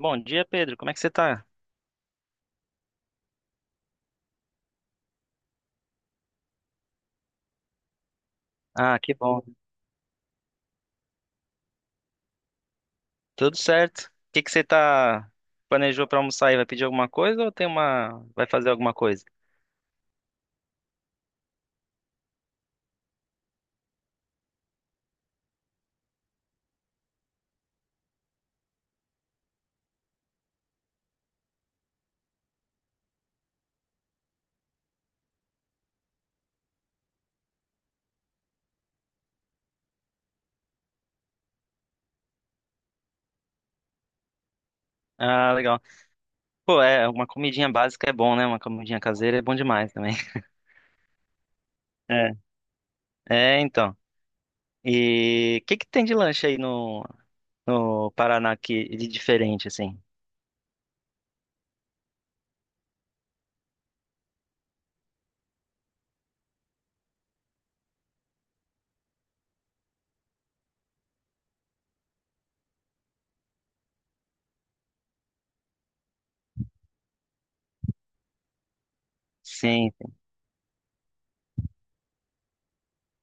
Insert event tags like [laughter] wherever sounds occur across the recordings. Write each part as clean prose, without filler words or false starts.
Bom dia, Pedro. Como é que você tá? Ah, que bom. Tudo certo. O que que você tá planejou pra almoçar aí? Vai pedir alguma coisa ou tem uma vai fazer alguma coisa? Ah, legal. Pô, é, uma comidinha básica é bom, né? Uma comidinha caseira é bom demais também. [laughs] É, é, então. E o que que tem de lanche aí no no Paraná que de diferente assim? Sim.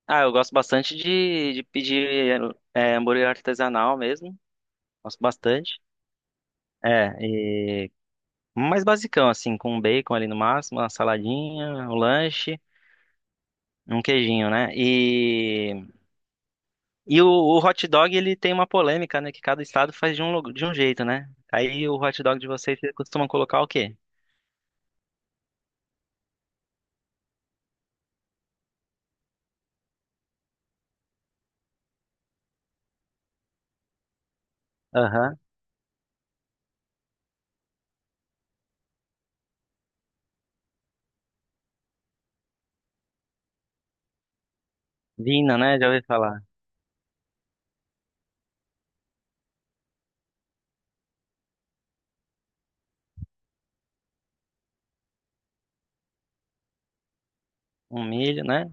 Ah, eu gosto bastante de pedir é, hambúrguer artesanal mesmo. Gosto bastante. É, mais basicão, assim, com um bacon ali no máximo, uma saladinha, um lanche, um queijinho, né? E o hot dog, ele tem uma polêmica, né? Que cada estado faz de um, de um jeito, né? Aí o hot dog de vocês, vocês costumam colocar o quê? Aham. Vina, né? Já ouvi falar. Um milho, né?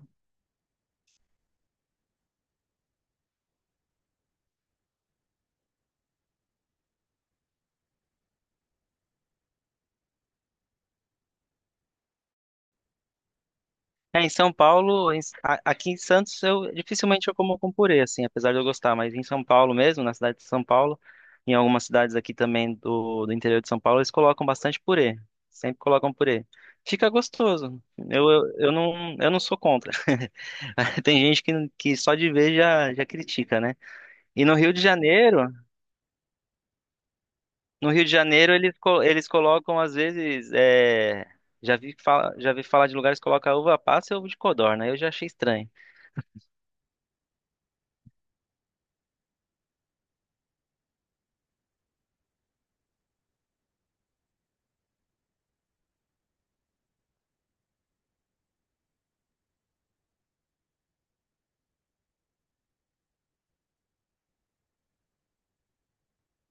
É, em São Paulo, aqui em Santos, eu dificilmente eu como com purê, assim, apesar de eu gostar, mas em São Paulo mesmo, na cidade de São Paulo, em algumas cidades aqui também do interior de São Paulo, eles colocam bastante purê. Sempre colocam purê. Fica gostoso. Eu não sou contra. [laughs] Tem gente que só de ver já, já critica, né? E no Rio de Janeiro, no Rio de Janeiro eles, eles colocam às vezes, é, já vi falar de lugares que colocam uva passa e ovo de codorna. Eu já achei estranho.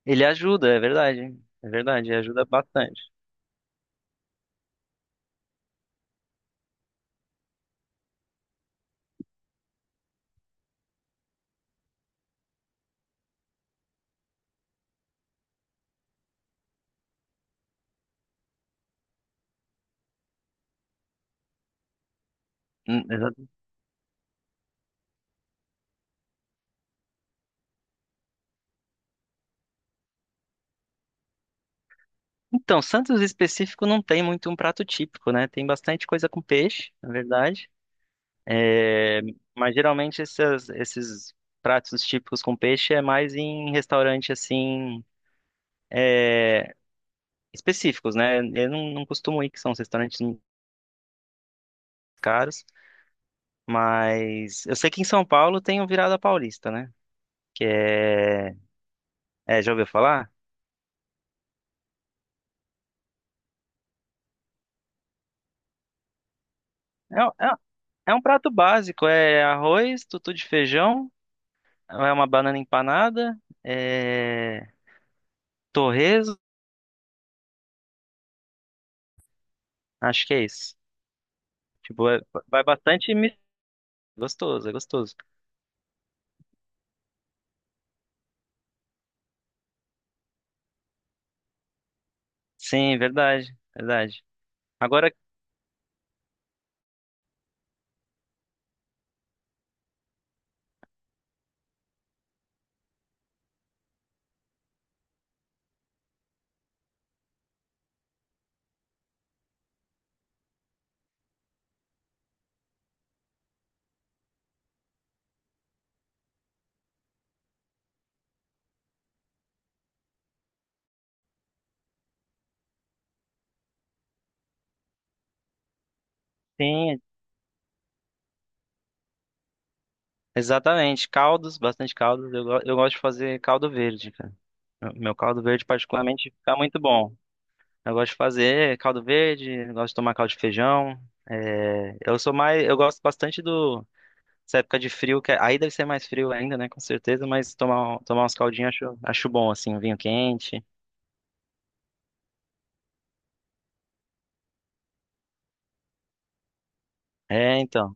Ele ajuda, é verdade. É verdade, ele ajuda bastante. Hum, exa- Então, Santos específico não tem muito um prato típico, né? Tem bastante coisa com peixe, na verdade. É, mas geralmente esses pratos típicos com peixe é mais em restaurante assim específicos, né? Eu não, não costumo ir, que são os restaurantes caros, mas eu sei que em São Paulo tem o Virada Paulista, né? Que é, é, já ouviu falar? É, é, é um prato básico, é arroz, tutu de feijão. É uma banana empanada, é... torresmo, acho que é isso. Tipo, vai gostoso, é gostoso. Sim, verdade, verdade. Agora tem, exatamente, caldos, bastante caldos. Eu, eu gosto de fazer caldo verde, cara. Meu caldo verde particularmente fica muito bom. Eu gosto de fazer caldo verde, eu gosto de tomar caldo de feijão. É, eu sou mais, eu gosto bastante do essa época de frio, que é, aí deve ser mais frio ainda, né? Com certeza, mas tomar uns caldinhos acho, acho bom, assim, um vinho quente. É, então.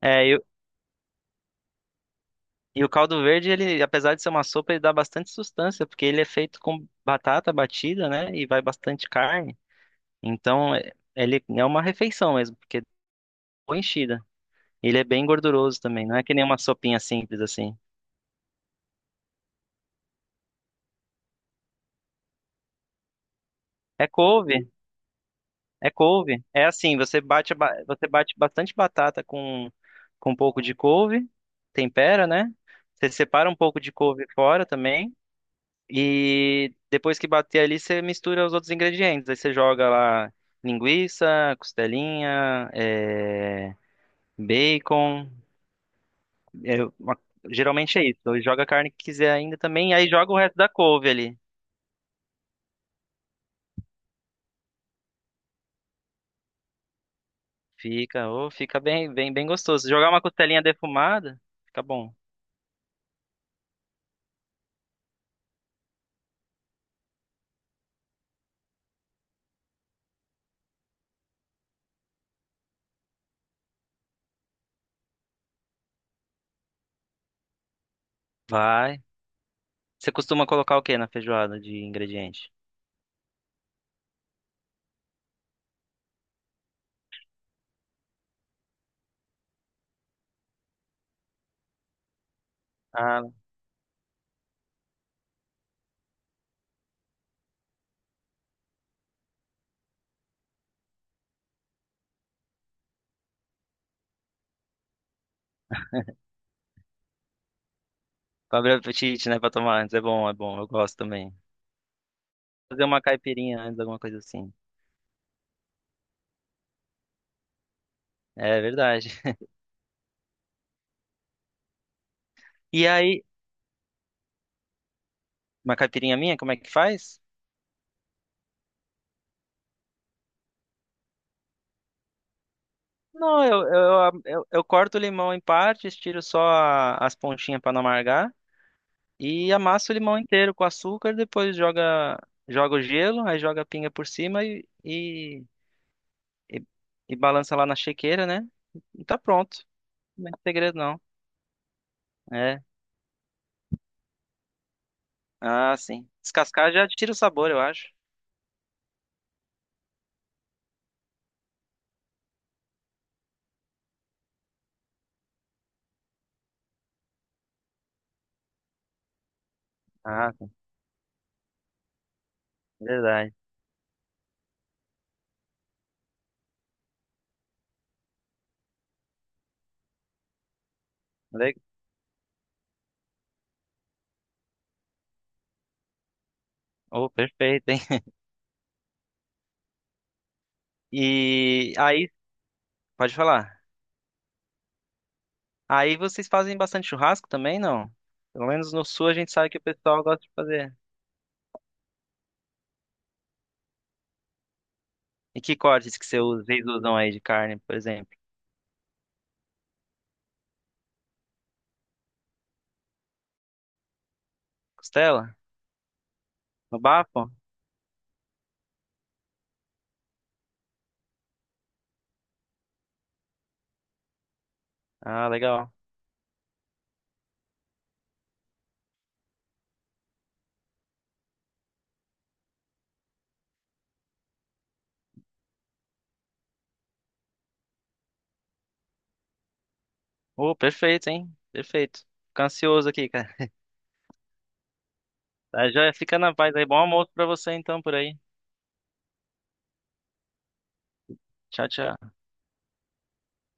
É, e o caldo verde, ele, apesar de ser uma sopa, ele dá bastante sustância, porque ele é feito com batata batida, né? E vai bastante carne. Então, ele é uma refeição mesmo, porque é boa enchida. Ele é bem gorduroso também, não é que nem uma sopinha simples assim. É couve, é couve. É assim, você bate, você bate bastante batata com um pouco de couve, tempera, né? Você separa um pouco de couve fora também. E depois que bater ali, você mistura os outros ingredientes. Aí você joga lá linguiça, costelinha, é, bacon. É, geralmente é isso. Ou joga a carne que quiser ainda também. Aí joga o resto da couve ali. Fica, ô, fica bem, bem, bem gostoso. Se jogar uma costelinha defumada, fica bom. Vai. Você costuma colocar o que na feijoada de ingrediente? Ah, pra abrir o apetite, né? Pra tomar antes. É bom, é bom. Eu gosto também. Fazer uma caipirinha antes, alguma coisa assim. É verdade. E aí, uma caipirinha minha, como é que faz? Não, eu corto o limão em partes, tiro só as pontinhas pra não amargar e amasso o limão inteiro com açúcar, depois joga, joga o gelo, aí joga a pinga por cima e, e balança lá na chequeira, né? E tá pronto. Não é segredo, não. É. Ah, sim. Descascar já tira o sabor, eu acho. Ah, sim, verdade. Le- Oh, perfeito, hein? E aí, pode falar. Aí vocês fazem bastante churrasco também, não? Pelo menos no sul a gente sabe que o pessoal gosta de fazer. E que cortes que vocês usam aí de carne, por exemplo? Costela? No bafo? Ah, legal. Oh, perfeito, hein? Perfeito. Fico ansioso aqui, cara. Tá, já fica na paz aí. Bom almoço pra você então por aí. Tchau, tchau.